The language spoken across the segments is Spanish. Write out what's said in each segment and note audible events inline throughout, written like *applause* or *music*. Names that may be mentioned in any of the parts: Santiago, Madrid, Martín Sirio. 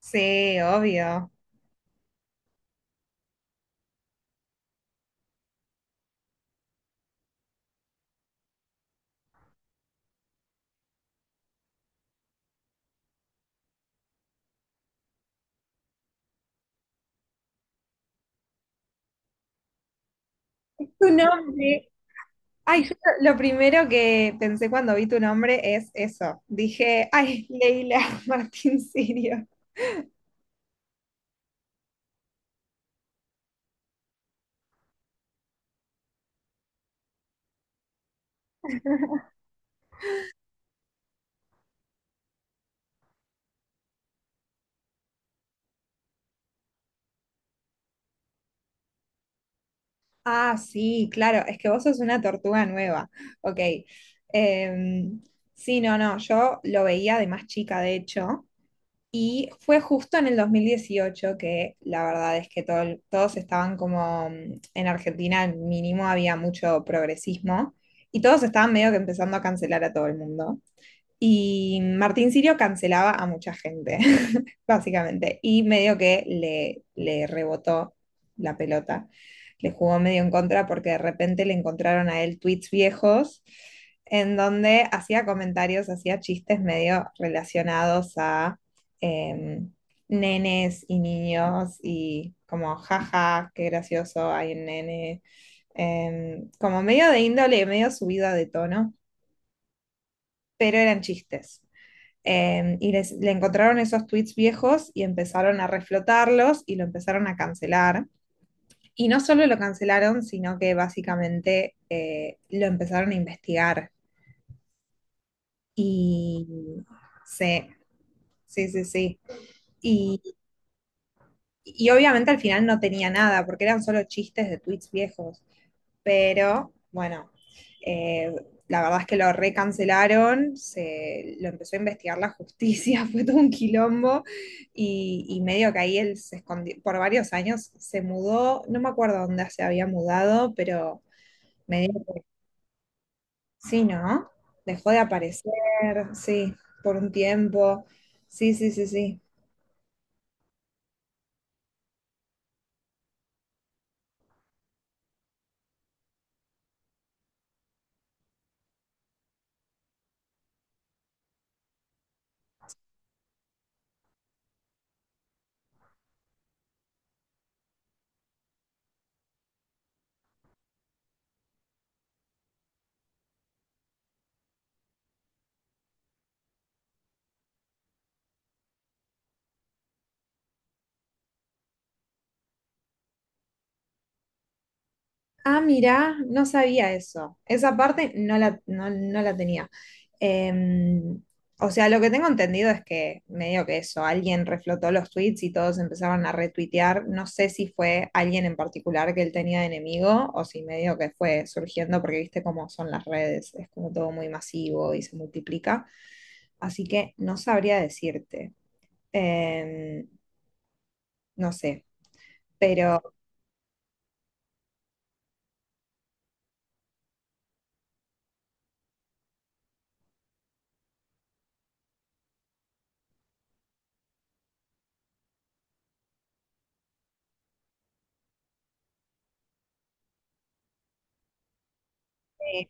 Sí, obvio. Tu nombre. Ay, yo lo primero que pensé cuando vi tu nombre es eso. Dije, ay, Leila *laughs* Martín Sirio. Ah, sí, claro, es que vos sos una tortuga nueva. Ok. Em, sí, no, no, yo lo veía de más chica, de hecho, y fue justo en el 2018 que la verdad es que todos estaban como, mm, en Argentina al mínimo había mucho progresismo y todos estaban medio que empezando a cancelar a todo el mundo. Y Martín Sirio cancelaba a mucha gente básicamente. Y medio que le rebotó la pelota, le jugó medio en contra porque de repente le encontraron a él tweets viejos en donde hacía comentarios, hacía chistes medio relacionados a eh, nenes y niños y como jaja, qué gracioso hay un nene, como medio de índole, medio subida de tono, pero eran chistes. Le encontraron esos tweets viejos y empezaron a reflotarlos y lo empezaron a cancelar. Y no solo lo cancelaron, sino que básicamente lo empezaron a investigar. Y sí, sí, sí, sí. Y, y obviamente al final no tenía nada, porque eran solo chistes de tweets viejos. Pero bueno, eh, la verdad es que lo recancelaron, lo empezó a investigar la justicia, *laughs* fue todo un quilombo y medio que ahí él se escondió, por varios años se mudó, no me acuerdo dónde se había mudado, pero medio que sí, ¿no? Dejó de aparecer, sí, por un tiempo, sí, sí, sí, sí. Ah, mirá, no sabía eso. Esa parte no, no la tenía. Em, o sea, lo que tengo entendido es que medio que eso, alguien reflotó los tweets y todos empezaron a retuitear. No sé si fue alguien en particular que él tenía de enemigo o si medio que fue surgiendo porque viste cómo son las redes, es como todo muy masivo y se multiplica. Así que no sabría decirte. Em, no sé, pero... eh,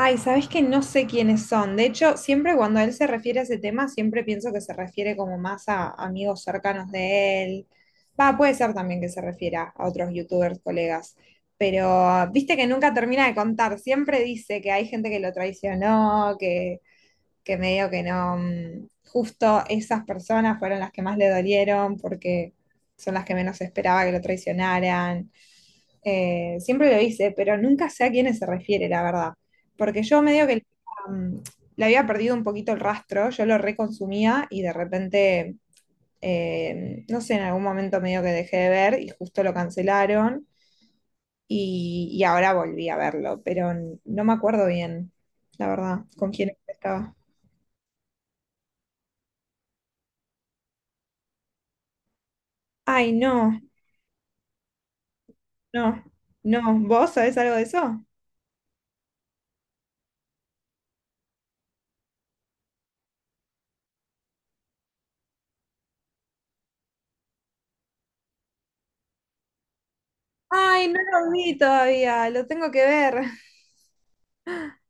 ay, sabes que no sé quiénes son. De hecho, siempre cuando él se refiere a ese tema, siempre pienso que se refiere como más a amigos cercanos de él. Va, puede ser también que se refiera a otros youtubers, colegas. Pero viste que nunca termina de contar. Siempre dice que hay gente que lo traicionó, que medio que no. Justo esas personas fueron las que más le dolieron porque son las que menos esperaba que lo traicionaran. Siempre lo hice, pero nunca sé a quiénes se refiere, la verdad. Porque yo medio que um, le había perdido un poquito el rastro, yo lo reconsumía y de repente, no sé, en algún momento medio que dejé de ver y justo lo cancelaron y ahora volví a verlo, pero no me acuerdo bien, la verdad, con quién estaba. Ay, no, no, no, ¿vos sabés algo de eso? Ay, no lo vi todavía, lo tengo que ver. *laughs*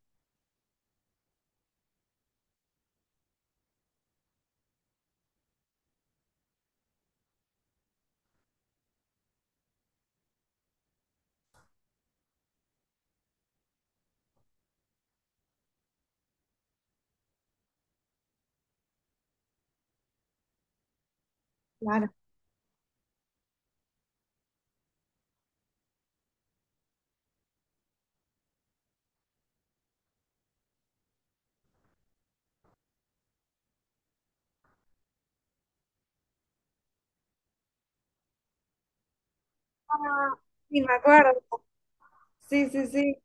Claro. Ah, sí, me acuerdo. Sí, sí, sí.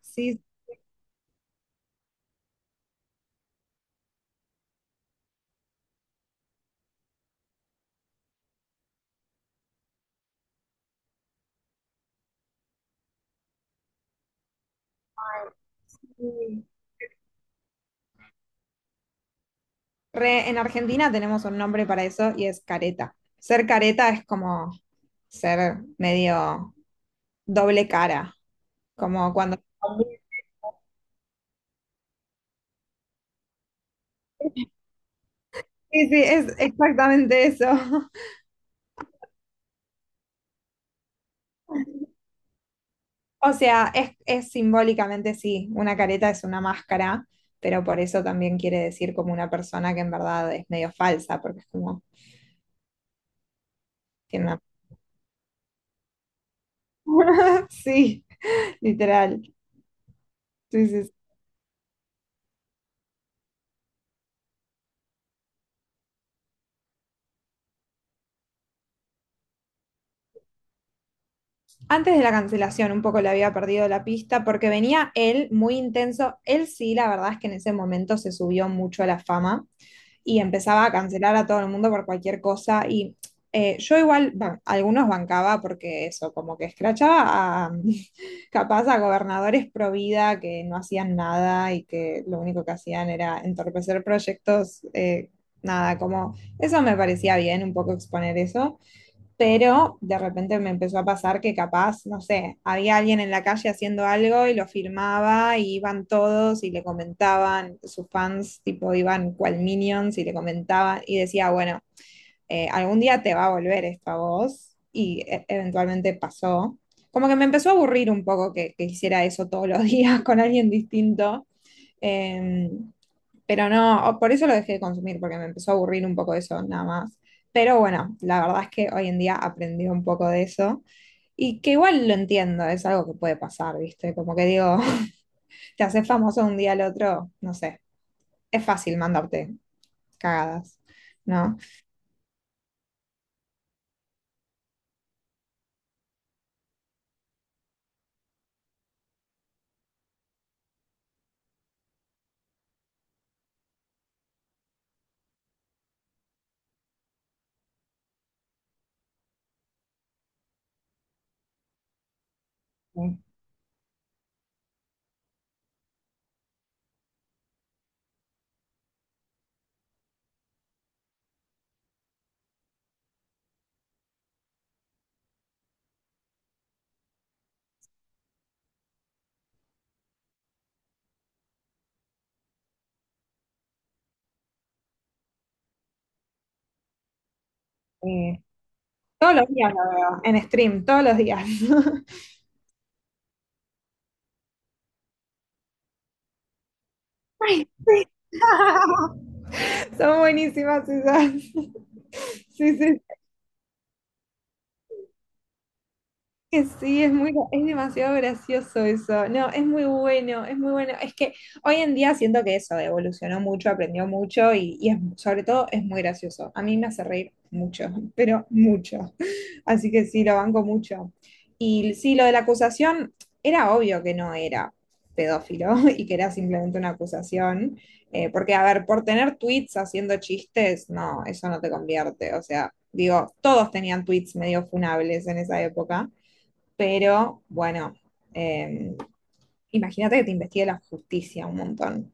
Sí, sí. Re- en Argentina tenemos un nombre para eso y es careta. Ser careta es como ser medio doble cara, como cuando... Sí, sí, es exactamente eso. *laughs* O sea, es simbólicamente sí, una careta es una máscara, pero por eso también quiere decir como una persona que en verdad es medio falsa, porque es como tiene una... *laughs* Sí, literal. Sí, sí, antes de la cancelación, un poco le había perdido la pista porque venía él muy intenso. Él sí, la verdad es que en ese momento se subió mucho a la fama y empezaba a cancelar a todo el mundo por cualquier cosa. Y yo igual, bueno, algunos bancaba porque eso, como que escrachaba a, *laughs* capaz a gobernadores pro vida que no hacían nada y que lo único que hacían era entorpecer proyectos. Nada, como eso me parecía bien, un poco exponer eso, pero de repente me empezó a pasar que capaz, no sé, había alguien en la calle haciendo algo y lo filmaba y iban todos y le comentaban, sus fans tipo iban cual minions y le comentaban y decía, bueno, algún día te va a volver esto a vos y eventualmente pasó. Como que me empezó a aburrir un poco que hiciera eso todos los días *laughs* con alguien distinto. Em, pero no, por eso lo dejé de consumir, porque me empezó a aburrir un poco eso, nada más. Pero bueno, la verdad es que hoy en día aprendí un poco de eso y que igual lo entiendo, es algo que puede pasar, ¿viste? Como que digo, *laughs* te haces famoso un día al otro, no sé, es fácil mandarte cagadas, ¿no? Sí, sí. Todos los días lo veo, en stream, todos los días. *laughs* Ay, sí. *laughs* Son buenísimas esas. *laughs* Sí, sí, que sí, es muy, es demasiado gracioso eso. No, es muy bueno, es muy bueno. Es que hoy en día siento que eso evolucionó mucho, aprendió mucho y sobre todo es muy gracioso. A mí me hace reír mucho, pero mucho. Así que sí, lo banco mucho. Y sí, lo de la acusación era obvio que no era pedófilo *laughs* y que era simplemente una acusación. Porque, a ver, por tener tweets haciendo chistes, no, eso no te convierte. O sea, digo, todos tenían tweets medio funables en esa época, pero bueno, eh, imagínate que te investigue la justicia un montón.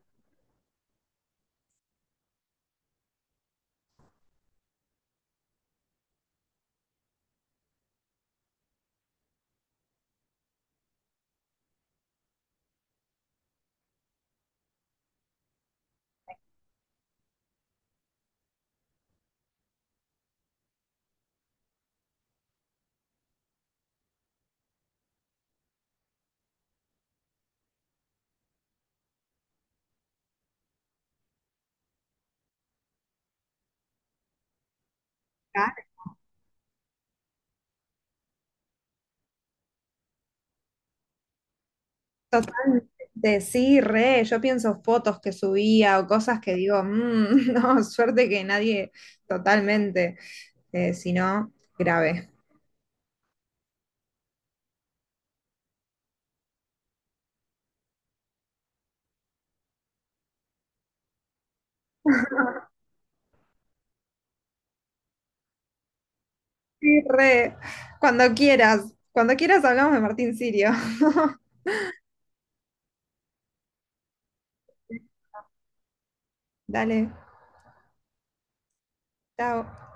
Claro. Totalmente, sí, re, yo pienso fotos que subía o cosas que digo, "Mm, *laughs* no, suerte que nadie", totalmente, si no, grave. Sí, re, cuando quieras hablamos de Martín Sirio. *laughs* Dale, chao.